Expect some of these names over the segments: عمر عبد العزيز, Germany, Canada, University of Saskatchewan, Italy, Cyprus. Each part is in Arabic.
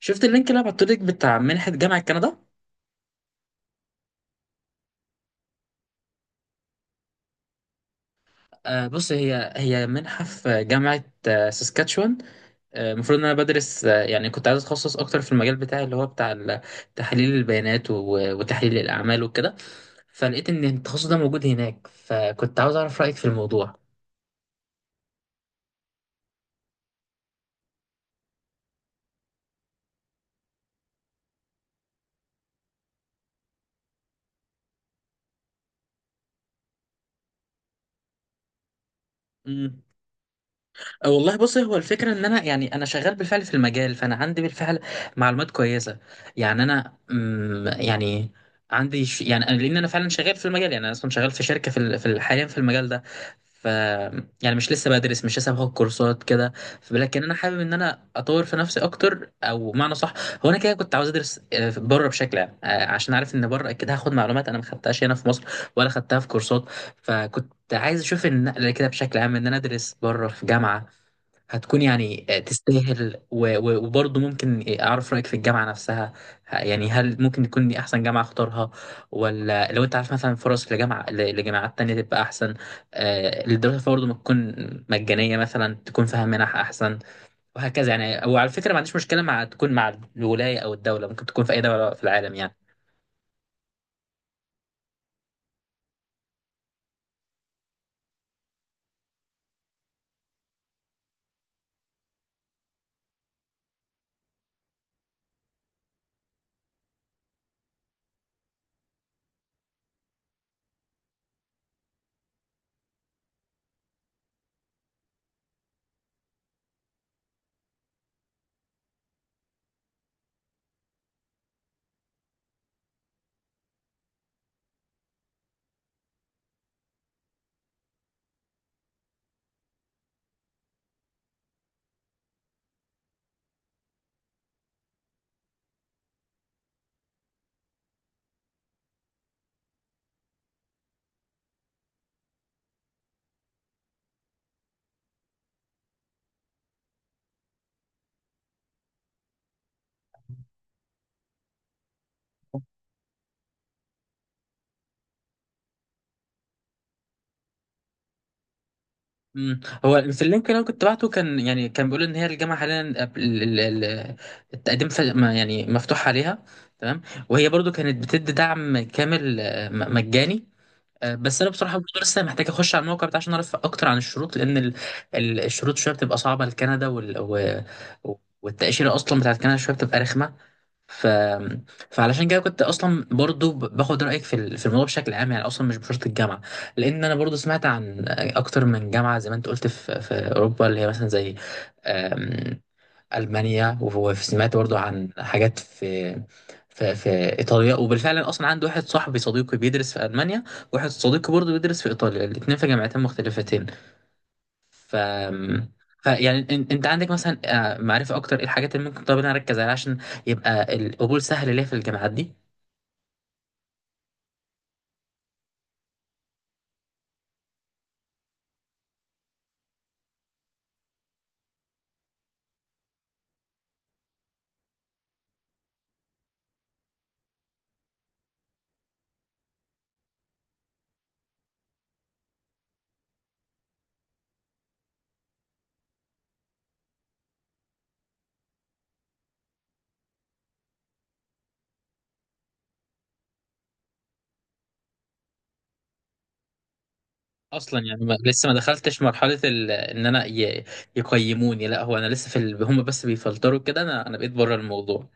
شفت اللينك اللي بعته لك بتاع منحة جامعة كندا؟ بص، هي هي منحة في جامعة ساسكاتشوان. المفروض ان انا بدرس، يعني كنت عايز اتخصص اكتر في المجال بتاعي اللي هو تحليل البيانات وتحليل الاعمال وكده. فلقيت ان التخصص ده موجود هناك، فكنت عاوز اعرف رأيك في الموضوع. مم. أه والله، بص، هو الفكرة ان انا، يعني انا شغال بالفعل في المجال، فانا عندي بالفعل معلومات كويسة. يعني انا يعني يعني لان انا فعلا شغال في المجال، يعني انا اصلا شغال في شركة حاليا في المجال ده. ف يعني مش لسه بدرس، مش لسه باخد كورسات كده. لكن انا حابب ان انا اطور في نفسي اكتر، او معنى صح. هو انا كده كنت عاوز ادرس بره بشكل عام، عشان عارف ان بره اكيد هاخد معلومات انا ما خدتهاش هنا في مصر ولا خدتها في كورسات. فكنت عايز اشوف النقله كده بشكل عام، ان انا ادرس بره في جامعه هتكون يعني تستاهل، وبرضه ممكن اعرف رايك في الجامعه نفسها. يعني هل ممكن تكون دي احسن جامعه اختارها؟ ولا لو انت عارف مثلا فرص لجامعه، لجامعات تانية تبقى احسن، الدراسه فيها برضه ما تكون مجانيه، مثلا تكون فيها منح احسن وهكذا يعني. وعلى فكره ما عنديش مشكله مع تكون مع الولايه او الدوله، ممكن تكون في اي دوله في العالم يعني. مم. هو في اللينك اللي انا كنت بعته كان يعني كان بيقول ان هي الجامعه حاليا ال- ال- التقديم يعني مفتوح عليها. تمام. وهي برضو كانت بتدي دعم كامل، مجاني. بس انا بصراحه برضه لسه محتاج اخش على الموقع بتاع عشان اعرف اكتر عن الشروط، لان الشروط شويه بتبقى صعبه لكندا، و... والتاشيره اصلا بتاعت كندا شويه بتبقى رخمه. ف... فعلشان كده كنت اصلا برضو باخد رايك في الموضوع بشكل عام، يعني اصلا مش بشرط الجامعه، لان انا برضو سمعت عن اكتر من جامعه زي ما انت قلت في اوروبا، اللي هي مثلا زي ألمانيا، وسمعت برضو عن حاجات في إيطاليا. وبالفعل أنا أصلا عندي واحد صاحبي صديقي بيدرس في ألمانيا، وواحد صديقي برضو بيدرس في إيطاليا، الاتنين في جامعتين مختلفتين. ف فيعني انت عندك مثلا معرفة اكتر ايه الحاجات اللي ممكن، طب انا اركز عليها عشان يبقى القبول سهل ليا في الجامعات دي؟ اصلا يعني ما لسه ما دخلتش مرحلة ال... ان انا ي... يقيموني، لا هو انا لسه في ال... هم بس بيفلتروا كده، انا بقيت بره الموضوع.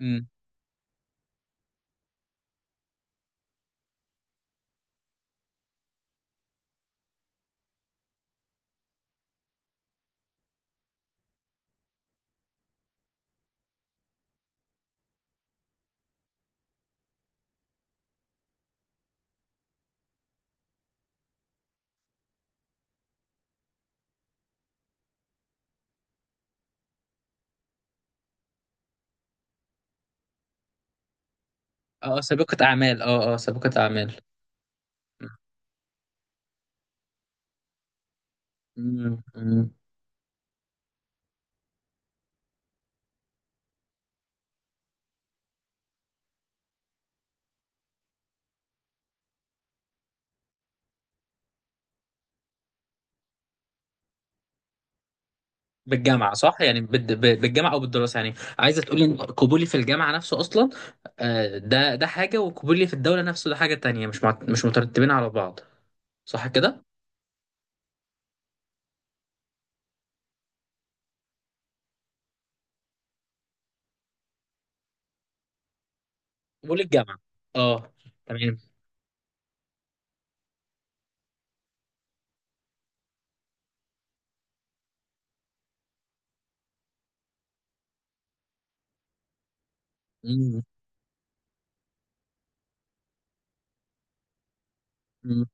امم. اه، سابقة اعمال، اه اه سابقة اعمال. مم. مم. بالجامعة صح؟ يعني بالجامعة أو بالدراسة. يعني عايزة تقولي إن قبولي في الجامعة نفسه أصلا ده ده حاجة، وقبولي في الدولة نفسه ده حاجة تانية، مش مش مترتبين على بعض، صح كده؟ قبول الجامعة، أه. تمام. مم. مم.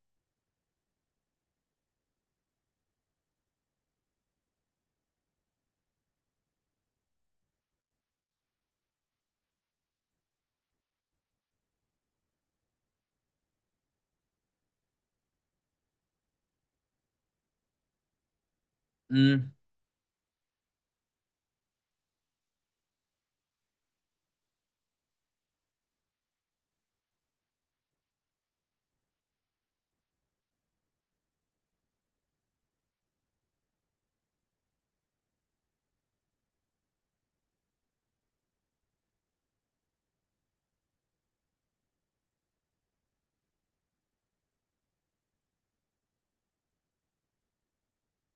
مم.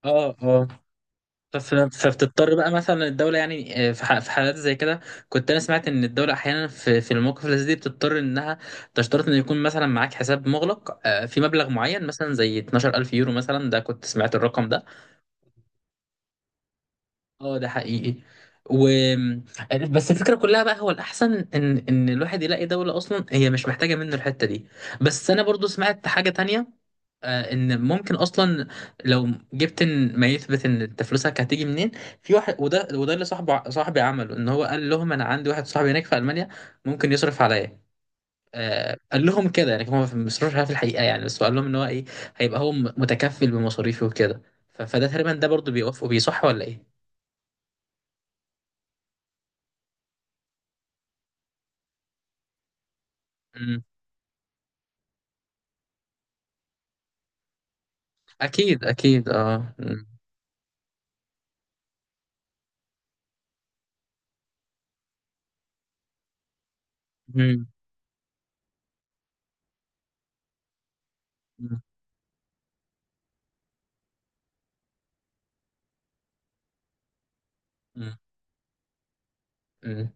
أه. فبتضطر بقى مثلا الدولة يعني، في حالات زي كده، كنت أنا سمعت إن الدولة أحيانا في المواقف اللي زي دي بتضطر إنها تشترط إن يكون مثلا معاك حساب مغلق في مبلغ معين، مثلا زي 12000 يورو مثلا، ده كنت سمعت الرقم ده. اه، ده حقيقي. و بس الفكرة كلها بقى، هو الأحسن إن الواحد يلاقي دولة أصلا هي مش محتاجة منه الحتة دي. بس أنا برضو سمعت حاجة تانية، ان ممكن اصلا لو جبت إن ما يثبت ان انت فلوسك هتيجي منين. في واحد، وده وده اللي صاحبي عمله، ان هو قال لهم انا عندي واحد صاحبي هناك في المانيا ممكن يصرف عليا. آه، قال لهم كده يعني، هو ما بيصرفش عليا في الحقيقه يعني، بس هو قال لهم ان هو ايه، هيبقى هو متكفل بمصاريفي وكده. فده تقريبا، ده برضو بيوافقوا بيه، صح ولا ايه؟ مم. اكيد اكيد اه. مم. مم. مم. مم.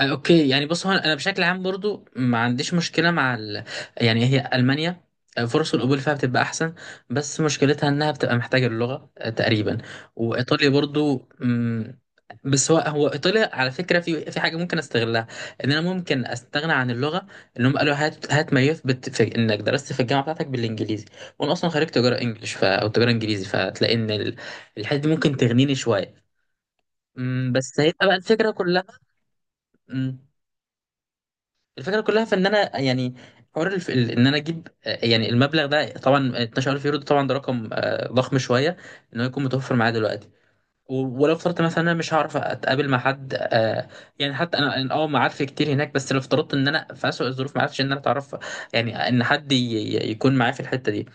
اوكي. يعني بص، هو انا بشكل عام برضو ما عنديش مشكله مع ال... يعني هي المانيا فرص القبول فيها بتبقى احسن، بس مشكلتها انها بتبقى محتاجه اللغه تقريبا. وايطاليا برضو مم، بس هو هو ايطاليا على فكره في في حاجه ممكن استغلها، ان انا ممكن استغنى عن اللغه، ان هم قالوا هات هات ما يثبت في انك درست في الجامعه بتاعتك بالانجليزي. وانا اصلا خريج تجاره انجلش او تجاره انجليزي، فتلاقي ان الحته دي ممكن تغنيني شويه. مم، بس هيبقى بقى الفكره كلها. مم. الفكره كلها في ان انا يعني حوار ان انا اجيب يعني المبلغ ده طبعا 12000 يورو، ده طبعا ده رقم ضخم شويه، ان هو يكون متوفر معايا دلوقتي. ولو افترضت مثلا انا مش هعرف اتقابل مع حد يعني حتى انا أنا معارفي كتير هناك، بس لو افترضت ان انا في اسوء الظروف ما عرفتش ان انا اتعرف، يعني ان حد يكون معايا في الحته دي.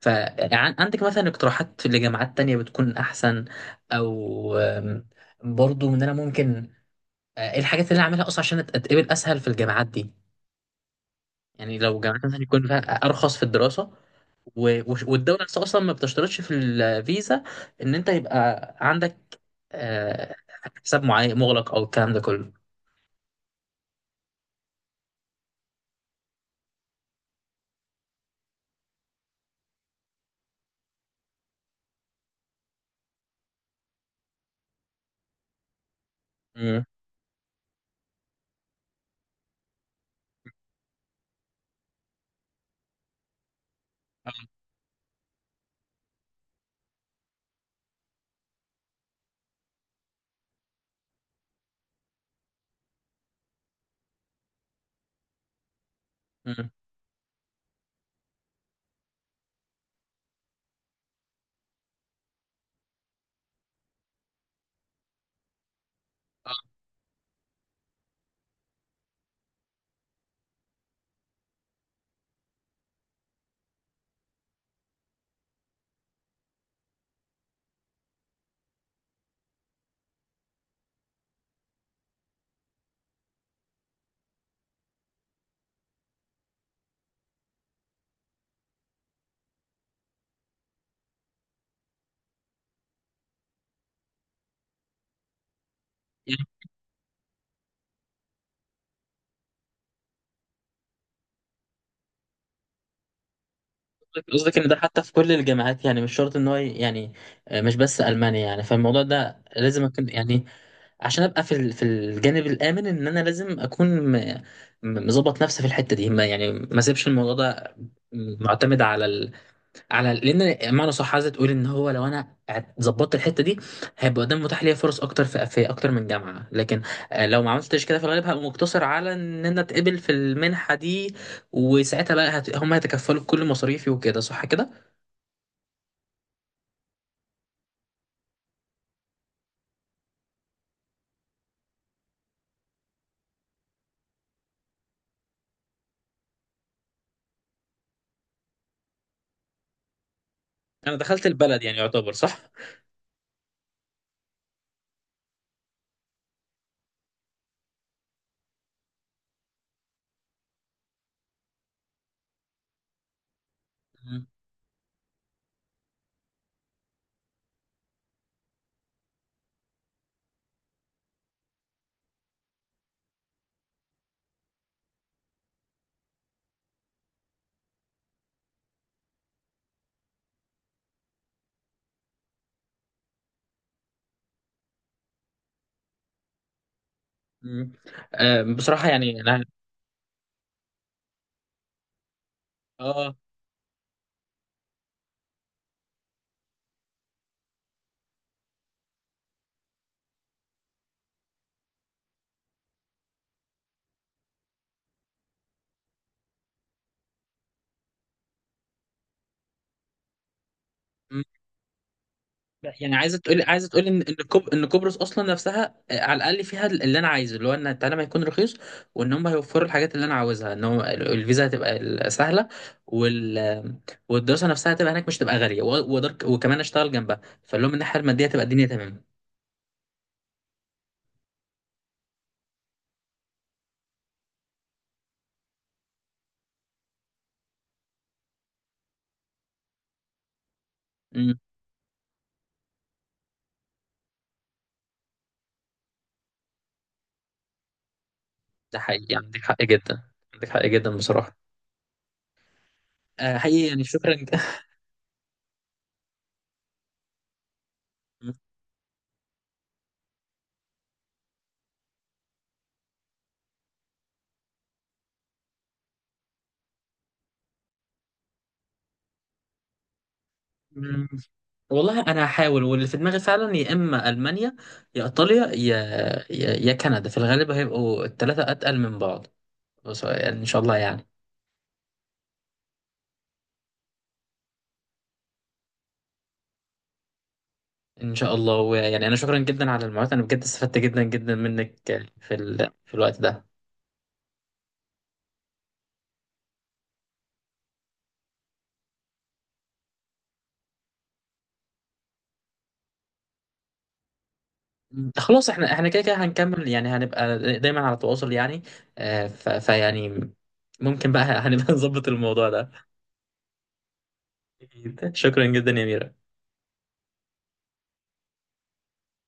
فعندك مثلا اقتراحات لجامعات تانية بتكون احسن؟ او برضو ان انا ممكن الحاجات اللي انا اعملها اصلا عشان اتقبل اسهل في الجامعات دي، يعني لو جامعات مثلا يكون فيها ارخص في الدراسه، والدوله نفسها اصلا ما بتشترطش في الفيزا ان انت يبقى عندك آه، حساب معين مغلق او الكلام ده كله. مم. آه. مم. آه. يعني قصدك قصدك ان ده حتى في كل الجامعات يعني، مش شرط ان هو يعني مش بس المانيا. يعني فالموضوع ده لازم اكون يعني، عشان ابقى في الجانب الامن، ان انا لازم اكون م- مظبط نفسي في الحته دي، ما يعني ما اسيبش الموضوع ده معتمد على على، لان معنى صح عايزه تقول ان هو لو انا ظبطت الحته دي هيبقى قدام متاح ليا فرص اكتر في, في اكتر من جامعه. لكن لو ما عملتش كده في الغالب هبقى مقتصر على ان انا اتقبل في المنحه دي، وساعتها بقى هم هيتكفلوا بكل مصاريفي وكده، صح كده؟ انا دخلت البلد يعني يعتبر، صح؟ مم. مم. بصراحه يعني انا، اه، لا، يعني عايزه تقول، عايزه تقول ان ان قبرص اصلا نفسها على الاقل فيها اللي انا عايزه، اللي هو ان التعليم هيكون رخيص، وان هم هيوفروا الحاجات اللي انا عاوزها، ان هم الفيزا هتبقى سهله، وال... والدراسه نفسها هتبقى هناك مش تبقى غاليه، وأقدر وكمان اشتغل جنبها، فاللي هو من الناحيه الماديه تبقى الدنيا تمام. امم. ده حقيقي، عندك حق جدا، عندك حق جدا بصراحه. آه، حقيقي، يعني شكرا مم. والله انا هحاول، واللي في دماغي فعلا يا اما المانيا، يا ايطاليا، يا كندا، في الغالب هيبقوا الثلاثه اتقل من بعض، بس يعني ان شاء الله يعني. ان شاء الله. ويعني انا شكرا جدا على المعلومات، انا بجد استفدت جدا جدا منك في ال... في الوقت ده. مم. خلاص، احنا كده كده هنكمل، يعني هنبقى دايما على تواصل يعني. فيعني ممكن بقى هنبقى نظبط الموضوع ده. أكيد. شكرا جدا يا ميرا.